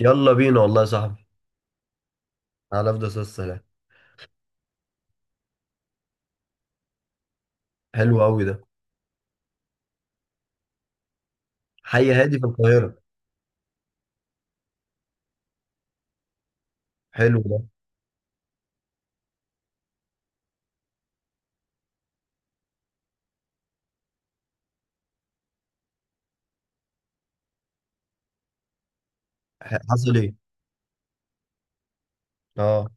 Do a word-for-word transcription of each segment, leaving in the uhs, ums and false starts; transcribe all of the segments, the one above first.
يلا بينا والله يا صاحبي. على أفضل صوت السلام. حلو قوي ده. حي هادي في القاهرة. حلو ده. ح- حصل إيه؟ أه.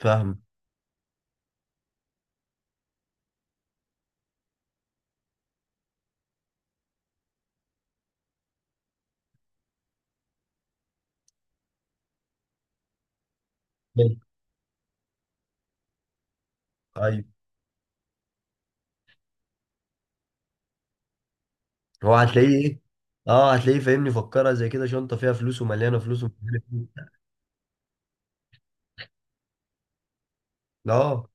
فاهم. حلو. أيوه. هو هتلاقيه إيه؟ أه، هتلاقيه فاهمني، فكرها زي كده شنطة فيها فلوس ومليانة فلوس ومليانة فلوس. أه.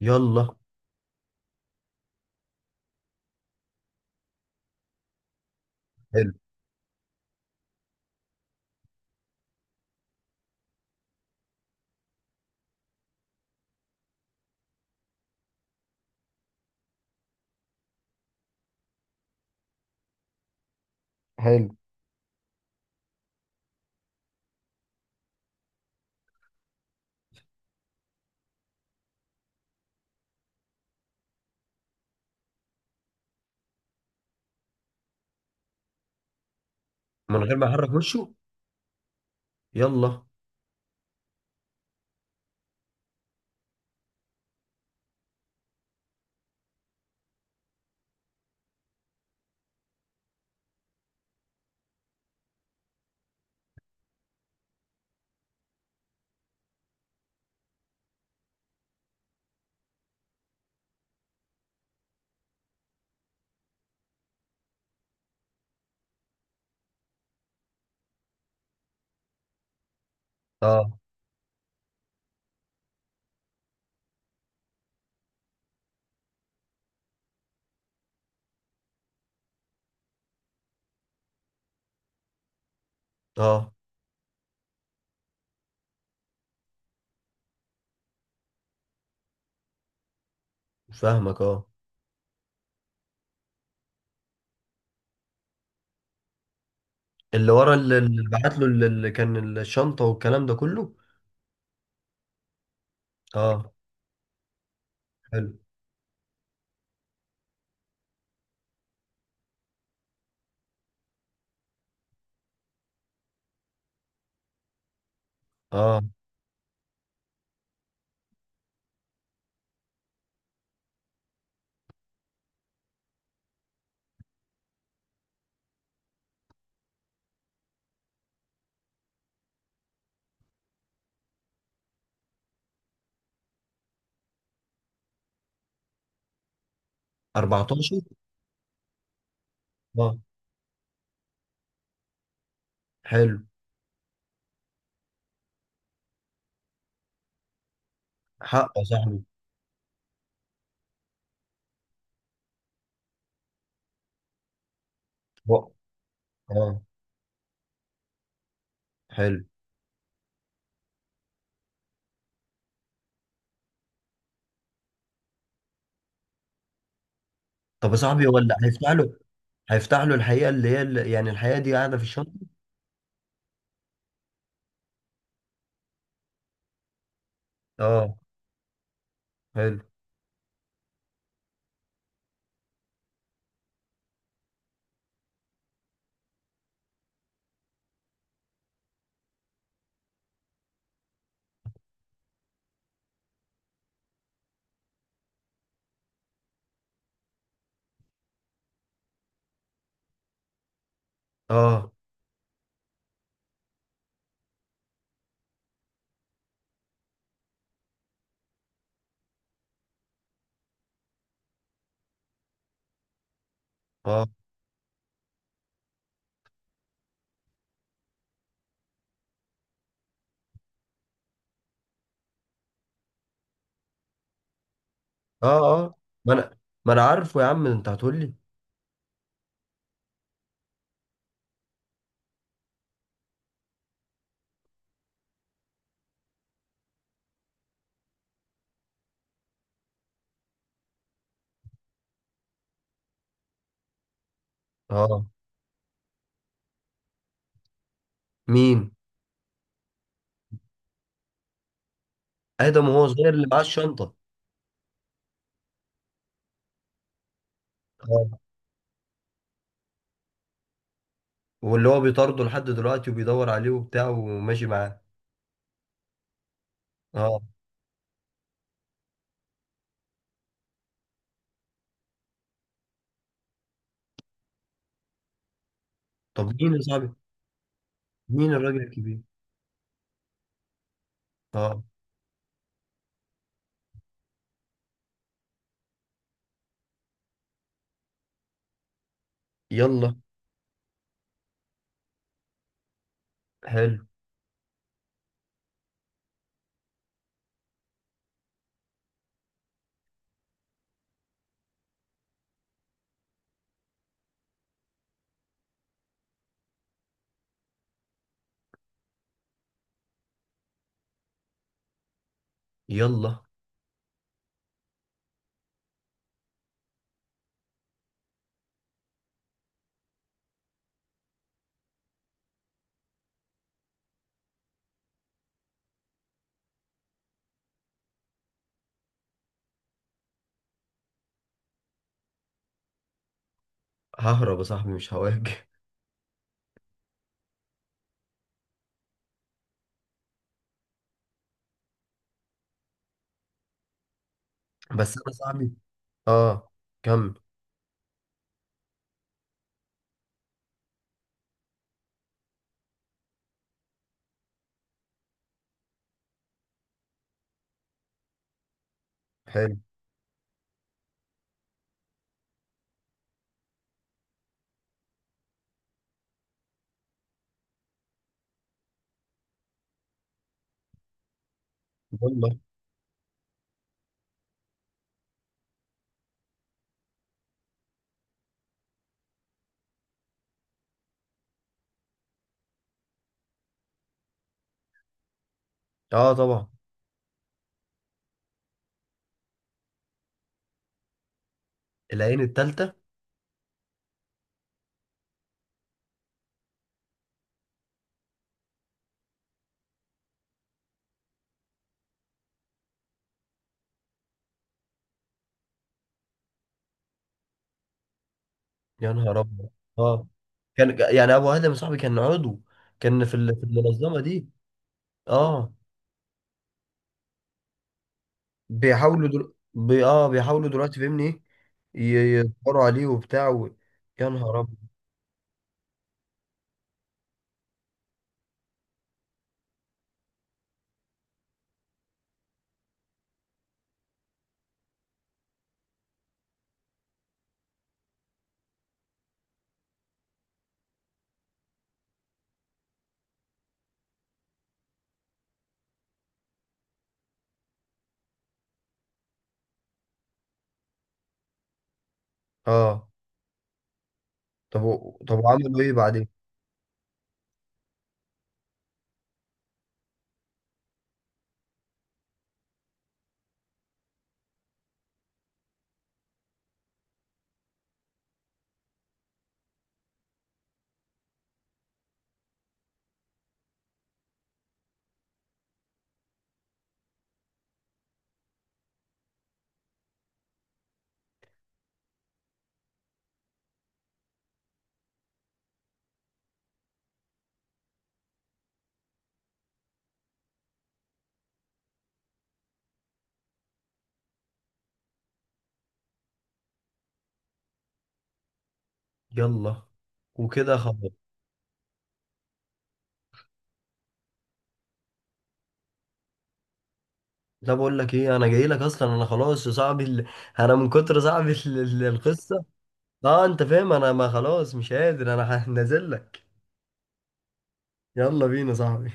يلا. حلو حلو. من غير ما يحرك وشه. يلا. أه أه. فاهمك أه. اللي ورا اللي اللي بعت له اللي اللي كان الشنطة والكلام ده كله. أه. حلو. أه. أربعتاشر. أه. حلو. حقه صح. هو. اه. حلو. طب يا صاحبي هو اللي هيفتح له هيفتح له الحقيقه، اللي هي اللي يعني الحقيقه دي قاعده في الشنطه. اه. حلو. اه اه اه اه. ما انا ما انا عارفه يا عم، انت هتقول لي. اه. مين؟ ادم وهو صغير اللي معاه الشنطه. اه. واللي هو بيطارده لحد دلوقتي وبيدور عليه وبتاع وماشي معاه. اه. طب مين يا صاحبي؟ مين الراجل الكبير؟ اه. يلا. حلو. يلا. ههرب يا صاحبي، مش هواجه. بس انا صاحبي. اه. كمل. حلو. يلا. اه. طبعا. العين التالتة. يا نهار ابيض. اه. كان يعني ابو ادم صاحبي كان عضو، كان في ال- في المنظمة دي. اه. بيحاولوا دل... بي... اه بيحاولوا دلوقتي فاهمني ايه. ي- يدوروا عليه وبتاع و... يا نهار ابيض. اه. طب و... طب وعملوا ايه بعدين؟ يلا. وكده خلاص. ده بقول لك ايه؟ انا جاي لك اصلا. انا خلاص يا صاحبي ال... انا من كتر صاحبي ال... ال- القصه. اه انت فاهم. انا ما خلاص مش قادر. انا هنزل لك. يلا بينا يا صاحبي